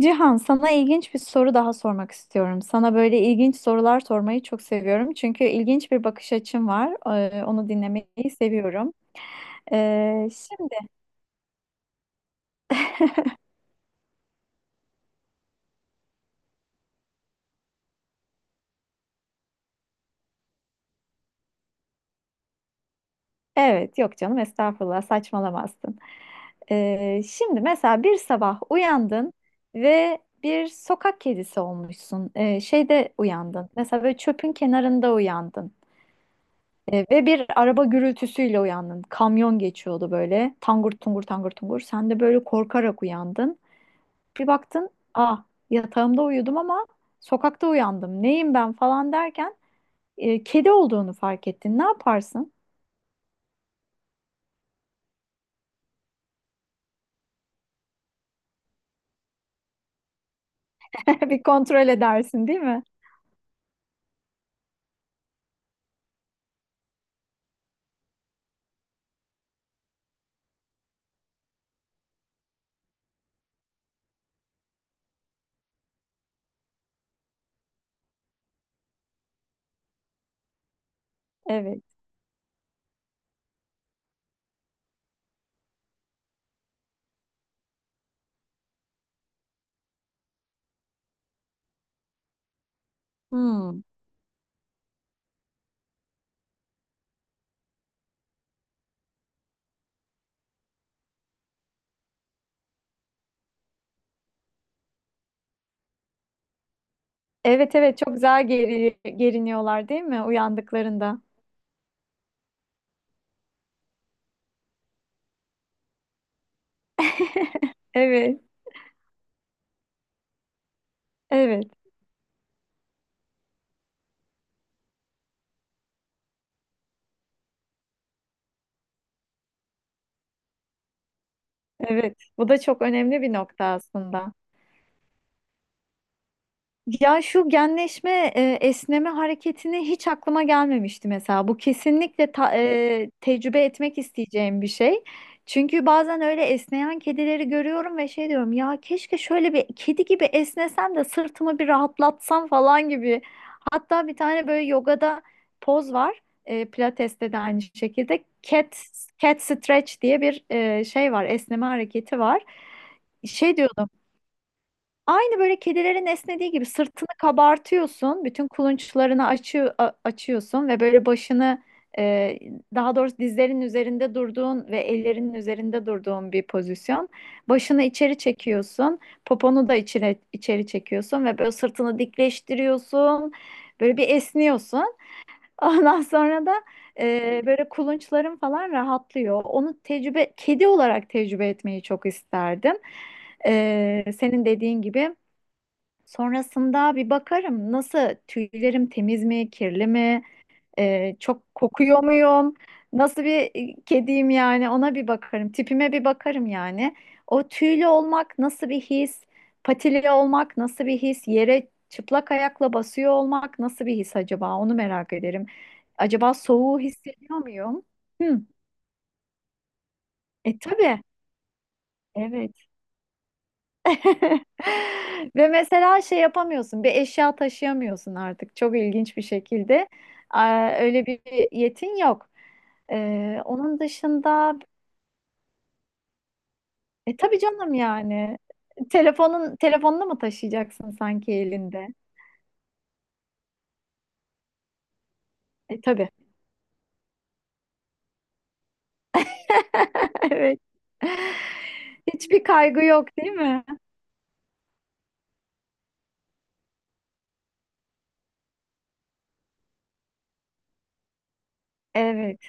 Cihan, sana ilginç bir soru daha sormak istiyorum. Sana böyle ilginç sorular sormayı çok seviyorum. Çünkü ilginç bir bakış açın var. Onu dinlemeyi seviyorum. Ee, şimdi, evet, yok canım, estağfurullah, saçmalamazsın. Şimdi mesela bir sabah uyandın ve bir sokak kedisi olmuşsun. Şeyde uyandın. Mesela böyle çöpün kenarında uyandın. Ve bir araba gürültüsüyle uyandın. Kamyon geçiyordu böyle. Tangur tungur tangur tungur. Sen de böyle korkarak uyandın. Bir baktın, ah yatağımda uyudum ama sokakta uyandım. Neyim ben falan derken kedi olduğunu fark ettin. Ne yaparsın? Bir kontrol edersin, değil mi? Evet. Hmm. Evet, evet, çok güzel geriniyorlar değil mi uyandıklarında? Evet, evet, evet. Bu da çok önemli bir nokta aslında. Ya şu esneme hareketini hiç aklıma gelmemişti mesela. Bu kesinlikle tecrübe etmek isteyeceğim bir şey. Çünkü bazen öyle esneyen kedileri görüyorum ve şey diyorum ya keşke şöyle bir kedi gibi esnesem de sırtımı bir rahatlatsam falan gibi. Hatta bir tane böyle yogada poz var. Pilates'te de aynı şekilde cat stretch diye bir şey var, esneme hareketi var. Şey diyordum. Aynı böyle kedilerin esnediği gibi sırtını kabartıyorsun, bütün kulunçlarını açıyorsun ve böyle başını e, daha doğrusu dizlerin üzerinde durduğun ve ellerinin üzerinde durduğun bir pozisyon. Başını içeri çekiyorsun, poponu da içeri, içeri çekiyorsun ve böyle sırtını dikleştiriyorsun, böyle bir esniyorsun. Ondan sonra da böyle kulunçların falan rahatlıyor. Onu kedi olarak tecrübe etmeyi çok isterdim. Senin dediğin gibi. Sonrasında bir bakarım nasıl tüylerim temiz mi, kirli mi, çok kokuyor muyum, nasıl bir kediyim yani ona bir bakarım, tipime bir bakarım yani. O tüylü olmak nasıl bir his, patili olmak nasıl bir his, yere çıplak ayakla basıyor olmak nasıl bir his acaba onu merak ederim. Acaba soğuğu hissediyor muyum? Hı, tabii, evet. Ve mesela şey yapamıyorsun, bir eşya taşıyamıyorsun artık çok ilginç bir şekilde. Aa, öyle bir yetin yok. Onun dışında tabii canım yani telefonunu mu taşıyacaksın sanki elinde? Tabii. Evet. Hiçbir kaygı yok değil mi? Evet.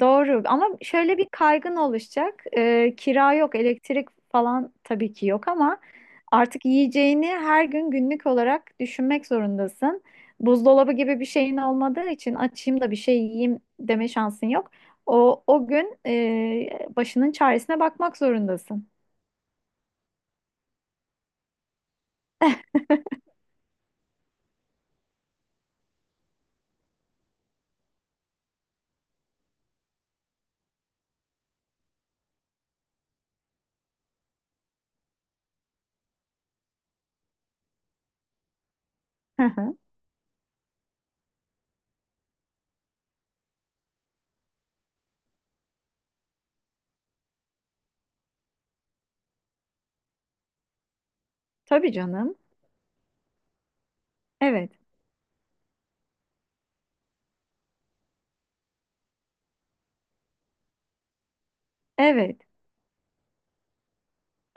Doğru ama şöyle bir kaygın oluşacak. Kira yok, elektrik falan tabii ki yok ama artık yiyeceğini her gün günlük olarak düşünmek zorundasın. Buzdolabı gibi bir şeyin olmadığı için açayım da bir şey yiyeyim deme şansın yok. O gün başının çaresine bakmak zorundasın. Hı hı. Tabii canım. Evet, evet.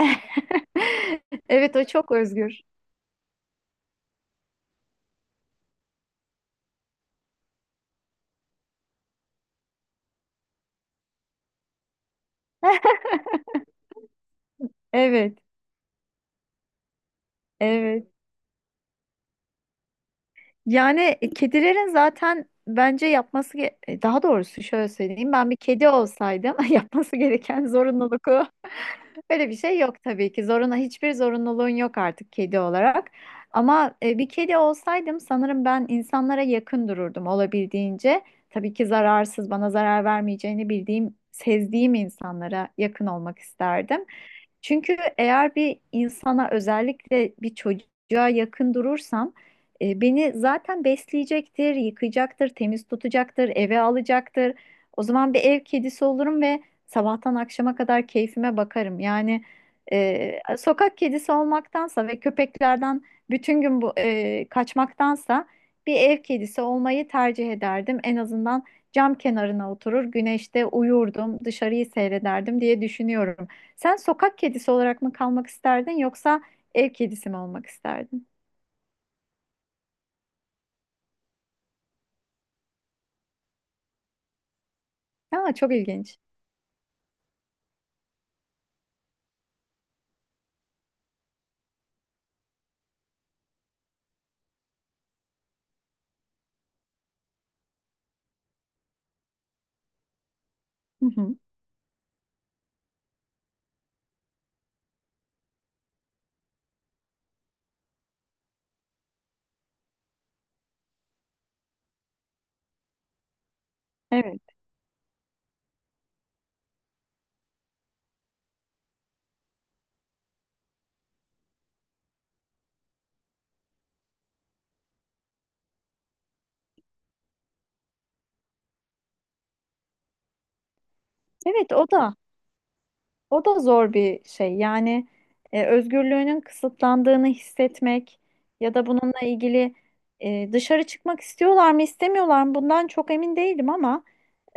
Evet, o çok özgür. Evet, evet. Yani kedilerin zaten bence yapması daha doğrusu şöyle söyleyeyim ben bir kedi olsaydım yapması gereken zorunluluk o. Öyle bir şey yok tabii ki. Zoruna hiçbir zorunluluğun yok artık kedi olarak. Ama bir kedi olsaydım sanırım ben insanlara yakın dururdum olabildiğince. Tabii ki zararsız, bana zarar vermeyeceğini bildiğim, sezdiğim insanlara yakın olmak isterdim. Çünkü eğer bir insana özellikle bir çocuğa yakın durursam beni zaten besleyecektir, yıkayacaktır, temiz tutacaktır, eve alacaktır. O zaman bir ev kedisi olurum ve sabahtan akşama kadar keyfime bakarım. Yani sokak kedisi olmaktansa ve köpeklerden bütün gün bu kaçmaktansa bir ev kedisi olmayı tercih ederdim. En azından cam kenarına oturur, güneşte uyurdum, dışarıyı seyrederdim diye düşünüyorum. Sen sokak kedisi olarak mı kalmak isterdin yoksa ev kedisi mi olmak isterdin? Aa, çok ilginç. Hı hı. Evet. Evet, o da zor bir şey. Yani özgürlüğünün kısıtlandığını hissetmek ya da bununla ilgili dışarı çıkmak istiyorlar mı istemiyorlar mı bundan çok emin değilim ama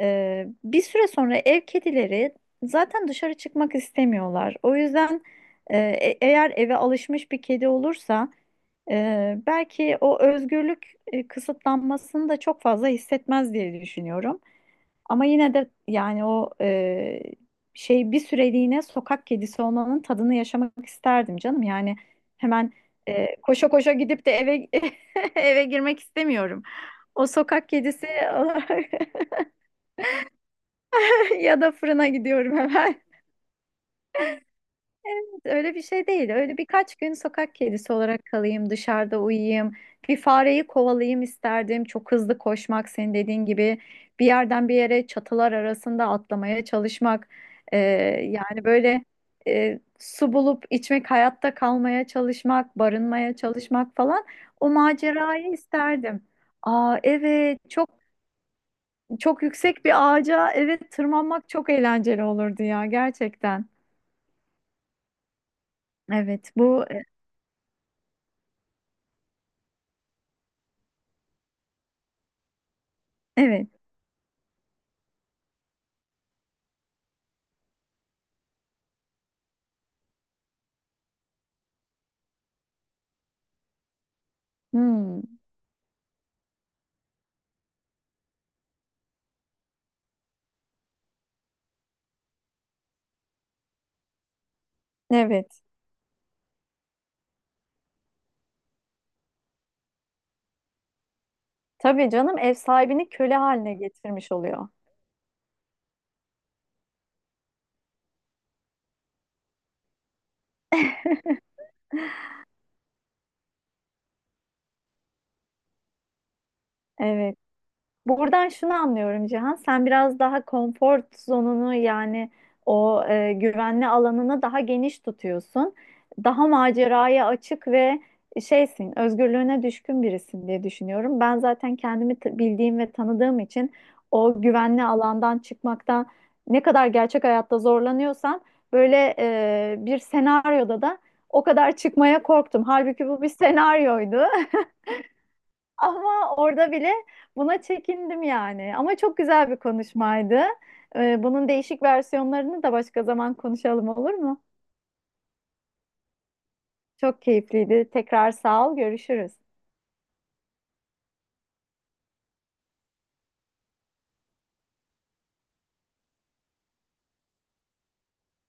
bir süre sonra ev kedileri zaten dışarı çıkmak istemiyorlar. O yüzden eğer eve alışmış bir kedi olursa, belki o özgürlük kısıtlanmasını da çok fazla hissetmez diye düşünüyorum. Ama yine de yani o şey bir süreliğine sokak kedisi olmanın tadını yaşamak isterdim canım. Yani hemen koşa koşa gidip de eve eve girmek istemiyorum. O sokak kedisi ya da fırına gidiyorum hemen. Öyle bir şey değil. Öyle birkaç gün sokak kedisi olarak kalayım, dışarıda uyuyayım. Bir fareyi kovalayayım isterdim. Çok hızlı koşmak, senin dediğin gibi bir yerden bir yere çatılar arasında atlamaya çalışmak. Ee, yani böyle su bulup içmek, hayatta kalmaya çalışmak, barınmaya çalışmak falan. O macerayı isterdim. Aa evet, çok çok yüksek bir ağaca evet tırmanmak çok eğlenceli olurdu ya gerçekten. Evet, bu evet. Hmm. Evet. Tabii canım ev sahibini köle haline getirmiş oluyor. Evet. Buradan şunu anlıyorum Cihan, sen biraz daha konfor zonunu yani o güvenli alanını daha geniş tutuyorsun. Daha maceraya açık ve şeysin, özgürlüğüne düşkün birisin diye düşünüyorum. Ben zaten kendimi bildiğim ve tanıdığım için o güvenli alandan çıkmaktan ne kadar gerçek hayatta zorlanıyorsan böyle bir senaryoda da o kadar çıkmaya korktum. Halbuki bu bir senaryoydu. Ama orada bile buna çekindim yani. Ama çok güzel bir konuşmaydı. Bunun değişik versiyonlarını da başka zaman konuşalım olur mu? Çok keyifliydi. Tekrar sağ ol, görüşürüz.